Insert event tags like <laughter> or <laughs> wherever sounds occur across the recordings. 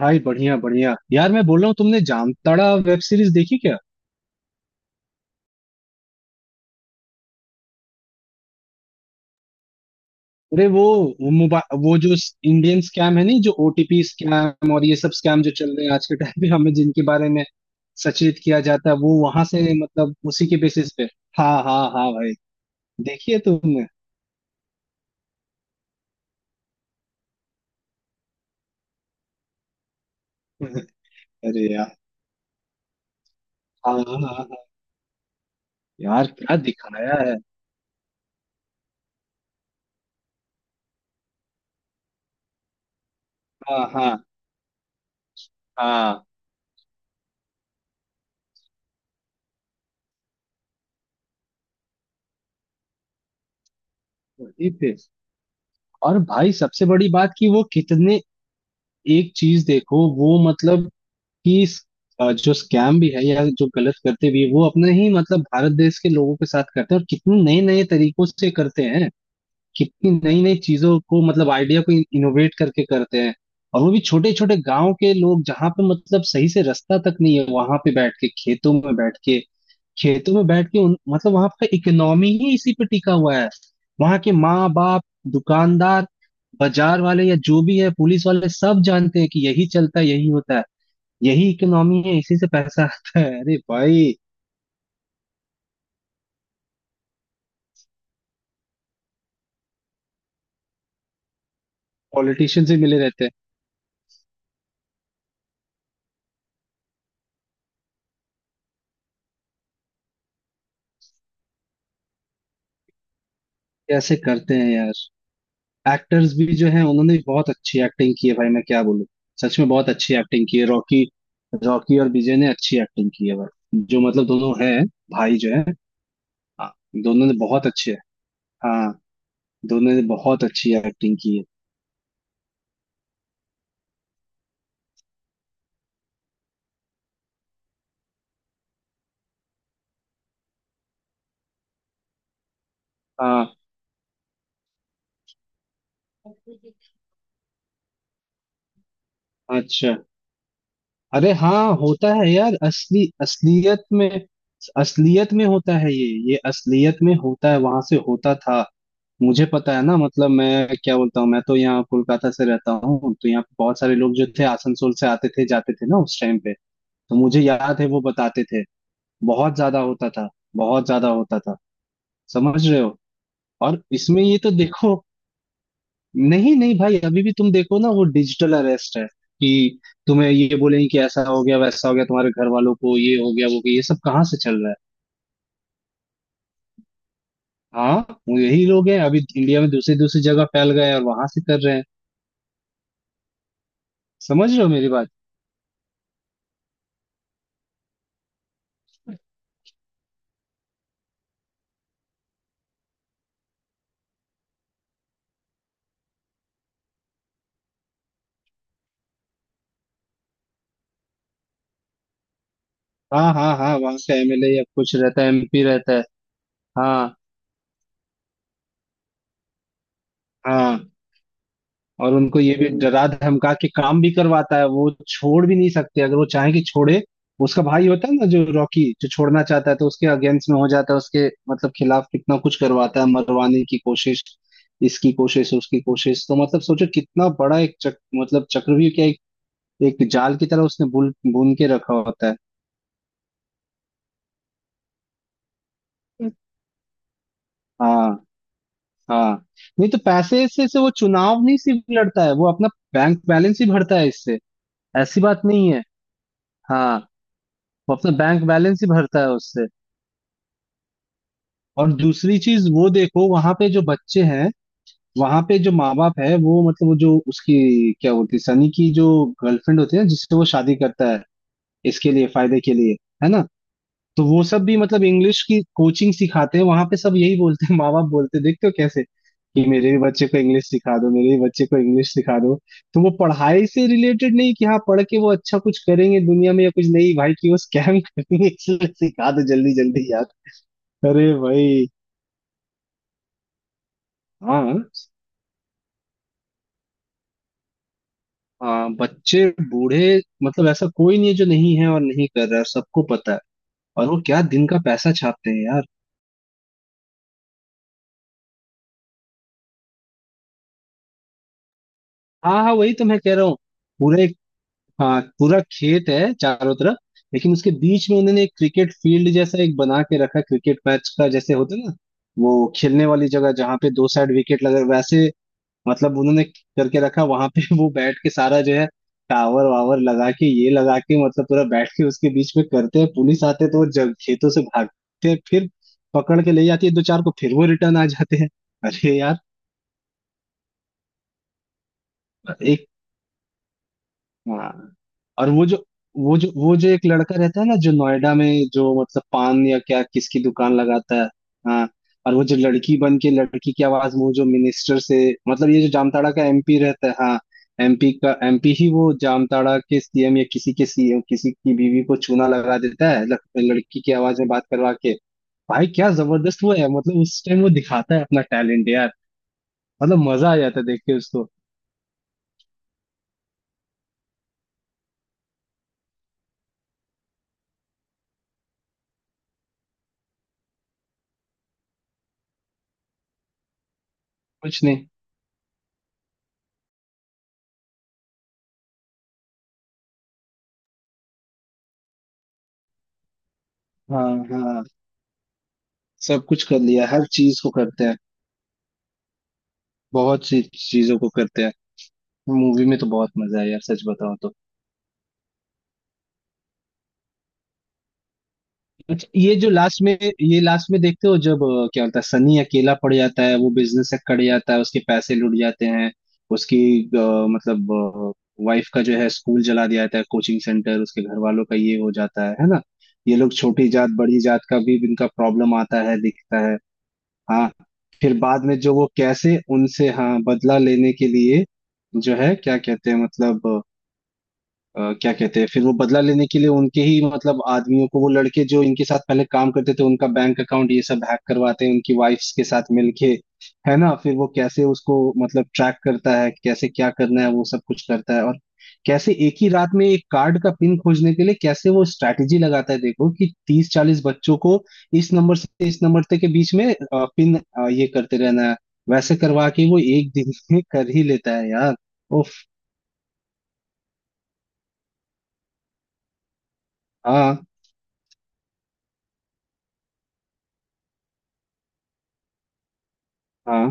भाई बढ़िया बढ़िया यार, मैं बोल रहा हूँ। तुमने जामताड़ा वेब सीरीज देखी क्या? अरे वो मोबाइल, वो जो इंडियन स्कैम है नहीं, जो ओटीपी स्कैम और ये सब स्कैम जो चल रहे हैं आज के टाइम पे, <laughs> हमें जिनके बारे में सचेत किया जाता है, वो वहां से, मतलब उसी के बेसिस पे। हाँ हाँ हाँ भाई। देखी है तुमने? <laughs> अरे यार। हाँ हाँ हाँ हाँ। यार क्या दिखाया है। हाँ हाँ हाँ। वही पे। और भाई सबसे बड़ी बात कि वो कितने, एक चीज देखो वो मतलब कि इस, जो स्कैम भी है या जो गलत करते भी है, वो अपने ही मतलब भारत देश के लोगों के साथ करते हैं, और कितने नए नए तरीकों से करते हैं। कितनी नई नई चीजों को, मतलब आइडिया को इनोवेट करके करते हैं। और वो भी छोटे छोटे गांव के लोग, जहाँ पे मतलब सही से रास्ता तक नहीं है, वहां पे बैठ के, खेतों में बैठ के, उन, मतलब वहां का इकोनॉमी ही इसी पे टिका हुआ है। वहां के माँ बाप, दुकानदार, बाजार वाले, या जो भी है पुलिस वाले, सब जानते हैं कि यही चलता है, यही होता है। यही इकोनॉमी है, इसी से पैसा आता है। अरे भाई पॉलिटिशियन से मिले रहते हैं। कैसे करते हैं यार। एक्टर्स भी जो है उन्होंने भी बहुत अच्छी एक्टिंग की है भाई, मैं क्या बोलूं। सच में बहुत अच्छी एक्टिंग की है। रॉकी, रॉकी और विजय ने अच्छी एक्टिंग की है भाई, जो मतलब दोनों है। भाई जो है। हाँ, दोनों ने बहुत अच्छे, हाँ, दोनों ने बहुत अच्छी एक्टिंग की है। हाँ। अच्छा। अरे हाँ, होता है यार, असली असलियत में। असलियत में होता है ये असलियत में होता है, वहां से होता था। मुझे पता है ना, मतलब मैं क्या बोलता हूँ, मैं तो यहाँ कोलकाता से रहता हूँ, तो यहाँ पे बहुत सारे लोग जो थे, आसनसोल से आते थे जाते थे ना उस टाइम पे। तो मुझे याद है, वो बताते थे, बहुत ज्यादा होता था, बहुत ज्यादा होता था। समझ रहे हो। और इसमें ये तो देखो, नहीं नहीं भाई, अभी भी तुम देखो ना, वो डिजिटल अरेस्ट है कि तुम्हें ये बोलेंगे कि ऐसा हो गया, वैसा हो गया, तुम्हारे घर वालों को ये हो गया, वो हो गया। ये सब कहाँ से चल रहा है? हाँ, वो यही लोग हैं, अभी इंडिया में दूसरी दूसरी जगह फैल गए और वहां से कर रहे हैं। समझ रहे हो मेरी बात? हाँ हाँ हाँ, वहां का एमएलए या कुछ रहता है, एमपी रहता है। हाँ हाँ। और उनको ये भी डरा धमका के काम भी करवाता है, वो छोड़ भी नहीं सकते अगर वो चाहे कि छोड़े। उसका भाई होता है ना, जो रॉकी, जो छोड़ना चाहता है, तो उसके अगेंस्ट में हो जाता है उसके, मतलब खिलाफ कितना कुछ करवाता है, मरवाने की कोशिश, इसकी कोशिश, उसकी कोशिश। तो मतलब सोचो कितना बड़ा एक चक, मतलब चक्रव्यूह, क्या एक, एक जाल की तरह उसने बुन बुन के रखा होता है। हाँ हाँ। नहीं तो पैसे से वो चुनाव नहीं सिर्फ लड़ता है, वो अपना बैंक बैलेंस ही भरता है इससे। ऐसी बात नहीं है। हाँ, वो अपना बैंक बैलेंस ही भरता है उससे। और दूसरी चीज वो देखो, वहां पे जो बच्चे हैं, वहां पे जो माँ बाप है वो, मतलब वो जो उसकी, क्या होती है, सनी की जो गर्लफ्रेंड होती है ना, जिससे वो शादी करता है, इसके लिए, फायदे के लिए, है ना। तो वो सब भी मतलब इंग्लिश की कोचिंग सिखाते हैं वहां पे, सब यही बोलते हैं, माँ बाप बोलते हैं, देखते हो कैसे, कि मेरे भी बच्चे को इंग्लिश सिखा दो, मेरे भी बच्चे को इंग्लिश सिखा दो। तो वो पढ़ाई से रिलेटेड नहीं कि हाँ पढ़ के वो अच्छा कुछ करेंगे दुनिया में या कुछ नहीं भाई, कि वो स्कैम <laughs> करेंगे, इसलिए सिखा दो जल्दी जल्दी। अरे भाई। हाँ, बच्चे, बूढ़े, मतलब ऐसा कोई नहीं है जो नहीं है और नहीं कर रहा है, सबको पता है। और वो क्या दिन का पैसा छापते हैं यार। हाँ हाँ, वही तो मैं कह रहा हूँ। पूरे, हाँ, पूरा खेत है चारों तरफ, लेकिन उसके बीच में उन्होंने एक क्रिकेट फील्ड जैसा एक बना के रखा है, क्रिकेट मैच का जैसे होता है ना, वो खेलने वाली जगह जहाँ पे दो साइड विकेट लगे, वैसे, मतलब उन्होंने करके रखा वहां पे। वो बैठ के सारा जो है, टावर वावर लगा के, ये लगा के, मतलब पूरा बैठ के उसके बीच में करते हैं। पुलिस आते हैं तो वो जग खेतों से भागते हैं, फिर पकड़ के ले जाती है दो चार को, फिर वो रिटर्न आ जाते हैं। अरे यार। हाँ, और वो जो, वो जो एक लड़का रहता है ना, जो नोएडा में, जो मतलब पान या क्या किसकी दुकान लगाता है। हाँ, और वो जो लड़की बन के, लड़की की आवाज में वो जो मिनिस्टर से, मतलब ये जो जामताड़ा का एमपी रहता है हाँ, एमपी का एमपी ही वो जामताड़ा के सीएम या किसी के सीएम किसी की बीवी को चूना लगा देता है, लड़- लड़की की आवाज में बात करवा के। भाई क्या जबरदस्त वो है, मतलब उस टाइम वो दिखाता है अपना टैलेंट यार। मतलब मजा आ जाता है देख के उसको। कुछ नहीं। हाँ हाँ, सब कुछ कर लिया, हर चीज को करते हैं। बहुत सी चीजों को करते हैं। मूवी में तो बहुत मजा आया यार, सच बताओ तो। अच्छा, ये जो लास्ट में, ये लास्ट में देखते हो जब क्या होता है, सनी अकेला पड़ जाता है, वो बिजनेस से कट जाता है, उसके पैसे लुट जाते हैं, उसकी, अ, मतलब वाइफ का जो है स्कूल जला दिया जाता है, कोचिंग सेंटर, उसके घर वालों का ये हो जाता है ना। ये लोग छोटी जात बड़ी जात का भी इनका प्रॉब्लम आता है, दिखता है। हाँ, फिर बाद में जो वो कैसे उनसे, हाँ, बदला लेने के लिए, जो है, क्या कहते हैं मतलब, क्या कहते हैं, फिर वो बदला लेने के लिए उनके ही मतलब आदमियों को, वो लड़के जो इनके साथ पहले काम करते थे, उनका बैंक अकाउंट ये सब हैक करवाते हैं उनकी वाइफ्स के साथ मिलके, है ना। फिर वो कैसे उसको मतलब ट्रैक करता है, कैसे क्या करना है वो सब कुछ करता है, और कैसे एक ही रात में एक कार्ड का पिन खोजने के लिए कैसे वो स्ट्रैटेजी लगाता है, देखो कि तीस चालीस बच्चों को, इस नंबर से इस नंबर तक के बीच में पिन, ये करते रहना है, वैसे करवा के वो एक दिन में कर ही लेता है यार। उफ। हाँ हाँ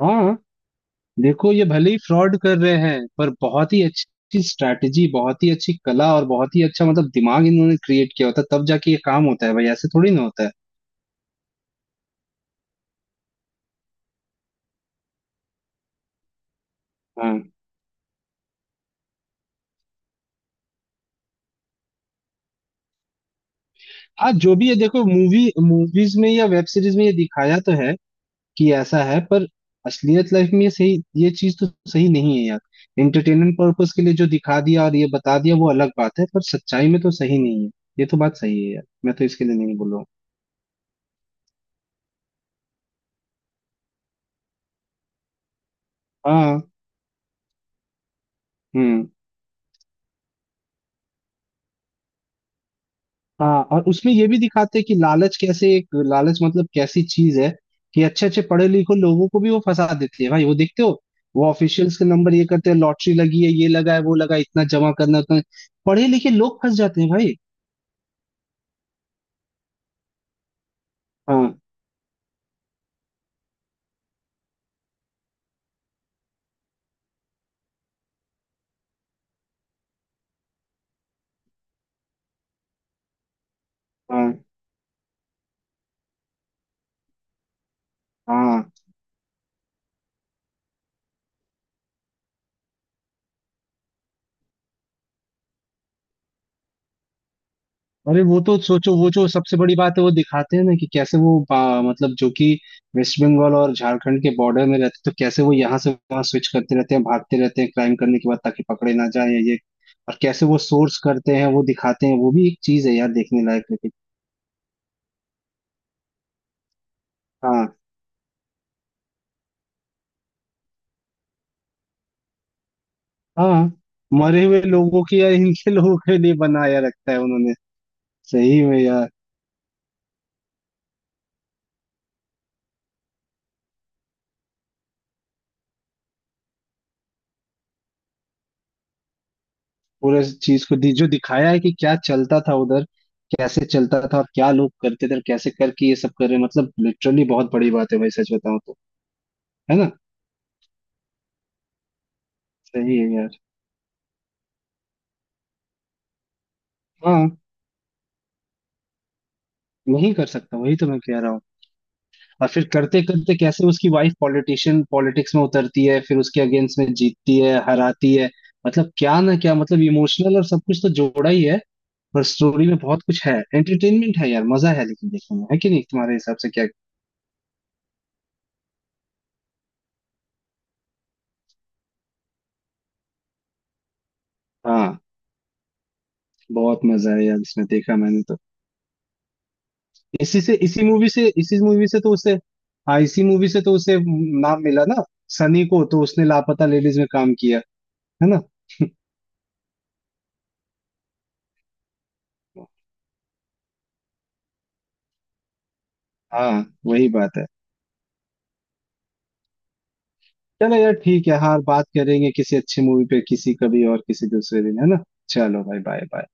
हाँ। देखो ये भले ही फ्रॉड कर रहे हैं, पर बहुत ही अच्छी स्ट्रैटेजी, बहुत ही अच्छी कला और बहुत ही अच्छा मतलब दिमाग इन्होंने क्रिएट किया होता है, तब जाके ये काम होता है भाई, ऐसे थोड़ी ना होता है। हाँ, हाँ जो भी है, देखो मूवी मूवीज में या वेब सीरीज में ये दिखाया तो है कि ऐसा है, पर असलियत लाइफ में ये सही, ये चीज तो सही नहीं है यार। एंटरटेनमेंट पर्पस के लिए जो दिखा दिया और ये बता दिया वो अलग बात है, पर सच्चाई में तो सही नहीं है। ये तो बात सही है यार, मैं तो इसके लिए नहीं बोल रहा हूँ। हाँ। हम्म। हाँ, और उसमें ये भी दिखाते हैं कि लालच कैसे, एक लालच मतलब कैसी चीज है, कि अच्छे अच्छे पढ़े लिखे लोगों को भी वो फंसा देती है भाई, वो देखते हो। वो ऑफिशियल्स के नंबर ये करते हैं, लॉटरी लगी है, ये लगा है, वो लगा है, इतना जमा करना है, उतना। पढ़े लिखे लोग फंस जाते हैं भाई। हाँ हाँ हाँ। अरे वो तो सोचो, वो जो सबसे बड़ी बात है वो दिखाते हैं ना, कि कैसे वो मतलब जो कि वेस्ट बंगाल और झारखंड के बॉर्डर में रहते, तो कैसे वो यहाँ से वहां स्विच करते रहते हैं, भागते रहते हैं क्राइम करने के बाद, ताकि पकड़े ना जाए ये। और कैसे वो सोर्स करते हैं वो दिखाते हैं, वो भी एक चीज है यार देखने लायक, लेकिन। हाँ हाँ, मरे हुए लोगों की यार इनके लोगों के लिए बनाया रखता है उन्होंने। सही में यार। पूरे चीज को दी जो दिखाया है कि क्या चलता था उधर, कैसे चलता था और क्या लोग करते थे और कैसे करके ये सब कर रहे हैं, मतलब लिटरली बहुत बड़ी बात है भाई, सच बताऊं तो। है ना। सही है यार। हाँ, नहीं कर सकता, वही तो मैं कह रहा हूँ। और फिर करते करते कैसे उसकी वाइफ पॉलिटिशियन, पॉलिटिक्स में उतरती है, फिर उसके अगेंस्ट में जीतती है, हराती है। मतलब क्या ना क्या, मतलब इमोशनल और सब कुछ तो जोड़ा ही है। पर स्टोरी में बहुत कुछ है, एंटरटेनमेंट है यार, मजा है। लेकिन देखने में है कि नहीं तुम्हारे हिसाब से, क्या? हाँ। बहुत मजा है यार इसमें, देखा मैंने तो। इसी से, इसी मूवी से, तो उसे, हाँ, इसी मूवी से तो उसे नाम मिला ना। सनी को, तो उसने लापता लेडीज में काम किया, है ना। हाँ, वही बात है। चलो यार ठीक है, हाँ, बात करेंगे किसी अच्छी मूवी पे, किसी कभी और, किसी दूसरे दिन, है ना। चलो भाई, बाय बाय।